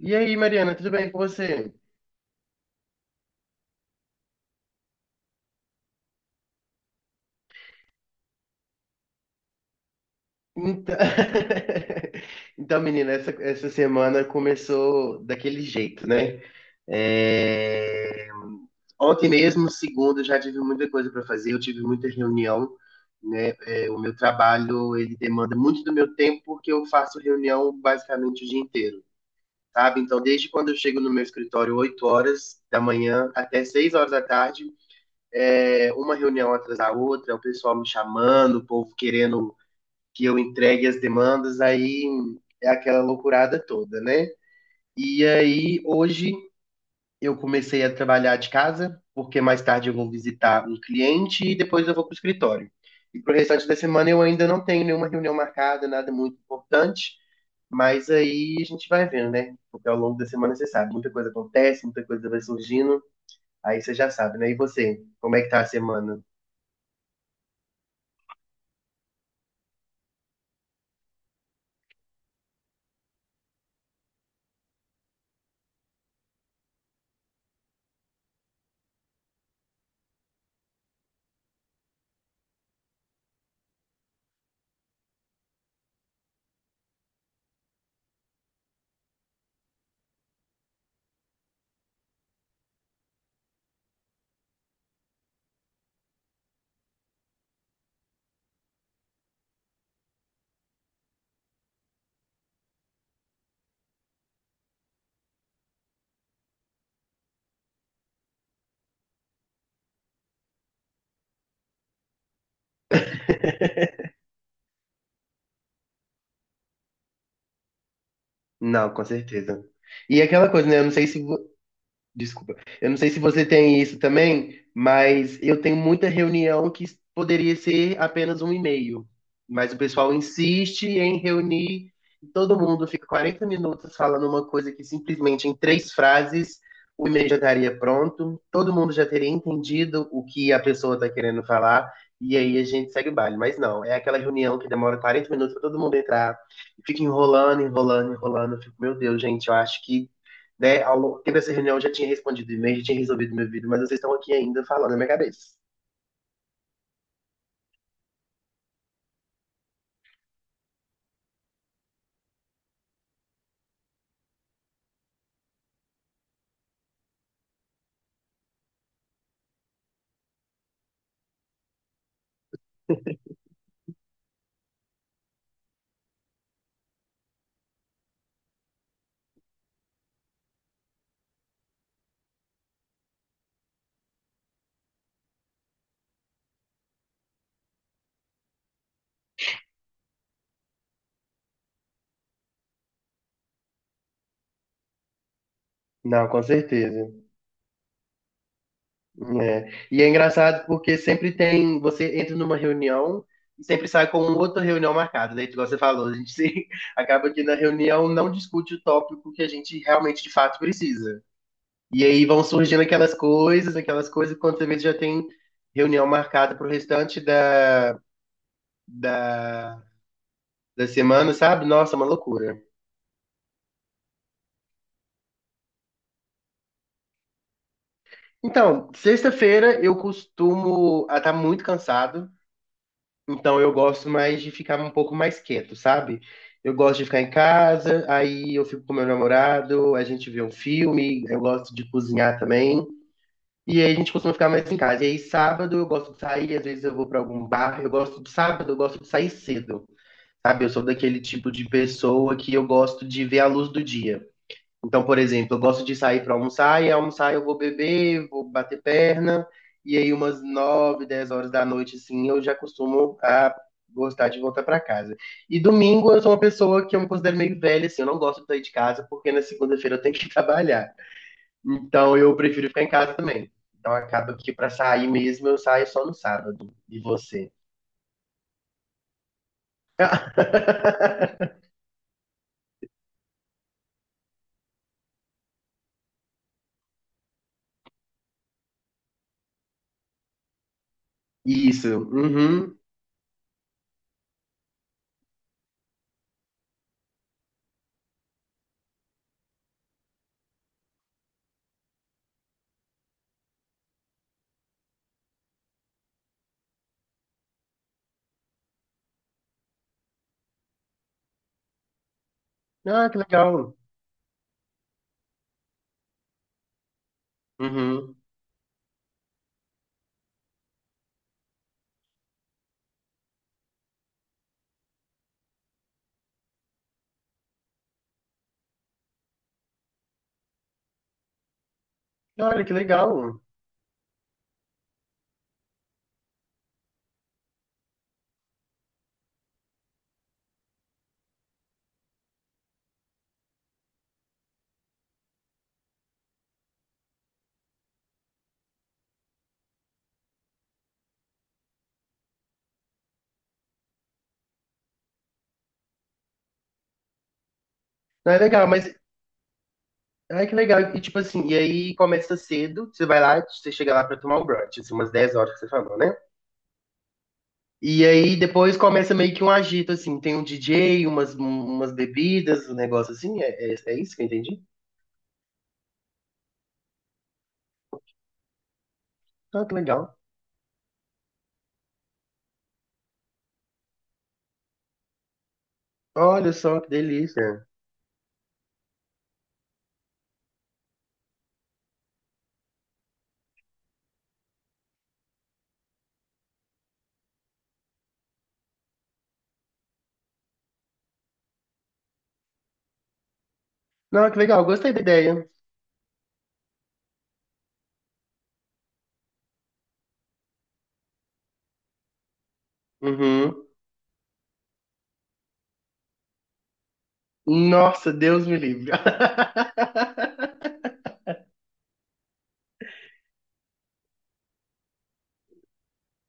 E aí, Mariana, tudo bem com você? Então, então menina, essa semana começou daquele jeito, né? É, Ontem mesmo, segunda, eu já tive muita coisa para fazer, eu tive muita reunião, né? O meu trabalho, ele demanda muito do meu tempo, porque eu faço reunião basicamente o dia inteiro, sabe? Então, desde quando eu chego no meu escritório, 8 horas da manhã até 6 horas da tarde, uma reunião atrás da outra, o pessoal me chamando, o povo querendo que eu entregue as demandas, aí é aquela loucurada toda, né? E aí, hoje, eu comecei a trabalhar de casa, porque mais tarde eu vou visitar um cliente e depois eu vou para o escritório. E para o restante da semana eu ainda não tenho nenhuma reunião marcada, nada muito importante, mas aí a gente vai vendo, né? Porque ao longo da semana você sabe, muita coisa acontece, muita coisa vai surgindo, aí você já sabe, né? E você, como é que tá a semana? Não, com certeza. E aquela coisa, né? Eu não sei se. Desculpa. Eu não sei se você tem isso também, mas eu tenho muita reunião que poderia ser apenas um e-mail. Mas o pessoal insiste em reunir, e todo mundo fica 40 minutos falando uma coisa que simplesmente em três frases o e-mail já estaria pronto, todo mundo já teria entendido o que a pessoa está querendo falar, e aí a gente segue o baile. Mas não, é aquela reunião que demora 40 minutos para todo mundo entrar, e fica enrolando, enrolando, enrolando. Eu fico, meu Deus, gente, eu acho que né, ao longo dessa reunião eu já tinha respondido e-mail, já tinha resolvido meu vídeo, mas vocês estão aqui ainda falando na minha cabeça. Não, com certeza. É. E é engraçado porque sempre tem, você entra numa reunião e sempre sai com outra reunião marcada, né? Igual você falou, a gente acaba que na reunião não discute o tópico que a gente realmente de fato precisa. E aí vão surgindo aquelas coisas, quando você vê já tem reunião marcada pro restante da, da semana, sabe? Nossa, é uma loucura. Então, sexta-feira eu costumo estar tá muito cansado, então eu gosto mais de ficar um pouco mais quieto, sabe? Eu gosto de ficar em casa, aí eu fico com meu namorado, a gente vê um filme, eu gosto de cozinhar também. E aí a gente costuma ficar mais em casa. E aí sábado eu gosto de sair, às vezes eu vou para algum bar, eu gosto de sábado, eu gosto de sair cedo. Sabe, eu sou daquele tipo de pessoa que eu gosto de ver a luz do dia. Então, por exemplo, eu gosto de sair para almoçar e almoçar eu vou beber, vou bater perna, e aí umas 9, 10 horas da noite, assim, eu já costumo a gostar de voltar para casa. E domingo eu sou uma pessoa que eu me considero meio velha, assim, eu não gosto de sair de casa porque na segunda-feira eu tenho que trabalhar. Então eu prefiro ficar em casa também. Então acaba que para sair mesmo eu saio só no sábado. E você? Isso. Uhum. Ah, que legal. Uhum. Olha, que legal. Não é legal, mas Ai, que legal. E tipo assim, e aí começa cedo, você vai lá, você chega lá pra tomar o brunch, assim, umas 10 horas que você falou, né? E aí depois começa meio que um agito, assim, tem um DJ, umas bebidas, um negócio assim, é isso que eu entendi? Ah, que legal. Olha só, que delícia. Não, que legal, gostei da ideia. Uhum. Nossa, Deus me livre.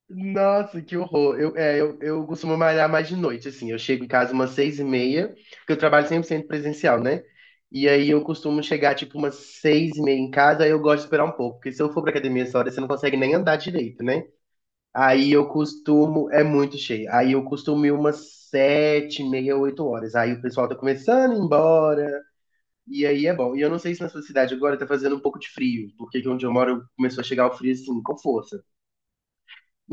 Nossa, que horror. Eu costumo malhar mais de noite, assim. Eu chego em casa umas 6h30, porque eu trabalho 100% presencial, né? E aí eu costumo chegar, tipo, umas 6h30 em casa, aí eu gosto de esperar um pouco, porque se eu for pra academia essa hora, você não consegue nem andar direito, né? Aí eu costumo. É muito cheio. Aí eu costumo ir umas 7h30, 8 horas. Aí o pessoal tá começando a ir embora, e aí é bom. E eu não sei se na sua cidade agora tá fazendo um pouco de frio, porque aqui onde eu moro começou a chegar o frio, assim, com força.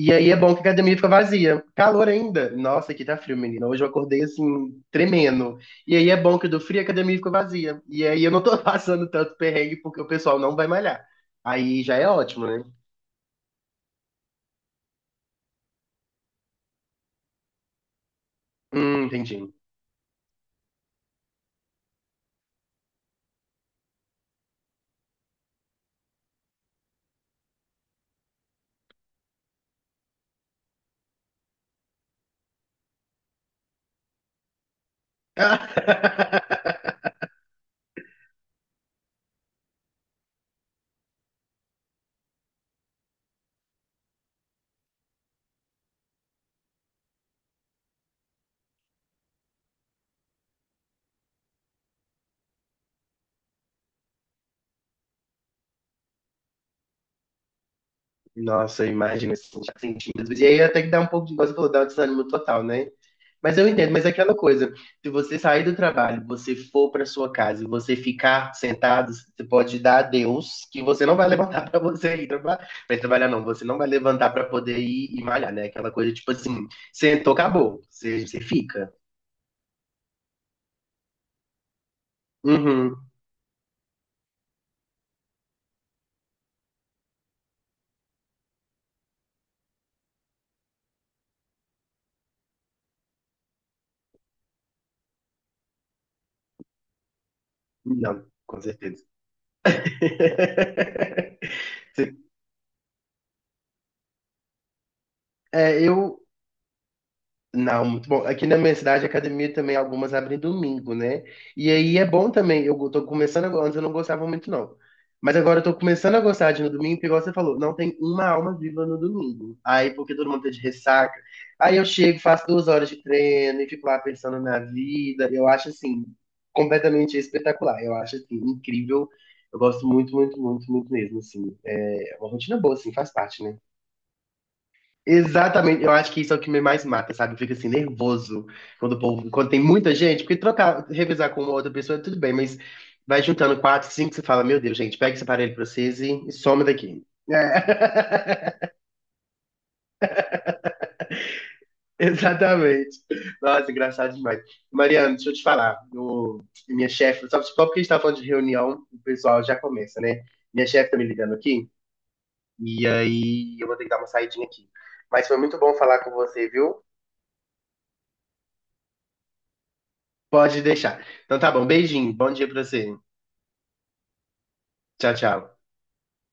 E aí é bom que a academia fica vazia. Calor ainda. Nossa, aqui tá frio, menina. Hoje eu acordei assim, tremendo. E aí é bom que do frio a academia fica vazia. E aí eu não tô passando tanto perrengue porque o pessoal não vai malhar. Aí já é ótimo, né? Entendi. Nossa, imagina assim, já sentindo. E aí até que dá um pouco de, igual você falou, dá um desânimo total, né? Mas eu entendo, mas é aquela coisa, se você sair do trabalho, você for para sua casa e você ficar sentado, você pode dar a Deus que você não vai levantar para você ir trabalhar. Mas trabalhar não, você não vai levantar para poder ir e malhar, né? Aquela coisa tipo assim, sentou, acabou. Você fica. Uhum. Não, com certeza. É, eu, Não, muito bom. Aqui na minha cidade, a academia também, algumas abrem domingo, né? E aí é bom também. Eu tô começando agora, antes eu não gostava muito, não. Mas agora eu tô começando a gostar de ir no domingo, porque igual você falou, não tem uma alma viva no domingo. Aí, porque todo mundo tá de ressaca. Aí eu chego, faço 2 horas de treino e fico lá pensando na vida. Eu acho, assim, completamente espetacular. Eu acho, assim, incrível. Eu gosto muito, muito, muito, muito mesmo, assim. É uma rotina boa, assim, faz parte, né? Exatamente, eu acho que isso é o que me mais mata, sabe? Eu fico assim, nervoso quando o povo, quando tem muita gente, porque trocar, revezar com uma outra pessoa, é tudo bem, mas vai juntando quatro, cinco, você fala, meu Deus, gente, pega esse aparelho pra vocês e some daqui. É. Exatamente. Nossa, engraçado demais. Mariana, deixa eu te falar. Minha chefe, só porque a gente tá falando de reunião, o pessoal já começa, né? Minha chefe tá me ligando aqui, e aí eu vou ter que dar uma saidinha aqui. Mas foi muito bom falar com você, viu? Pode deixar. Então tá bom, beijinho, bom dia pra você. Tchau, tchau.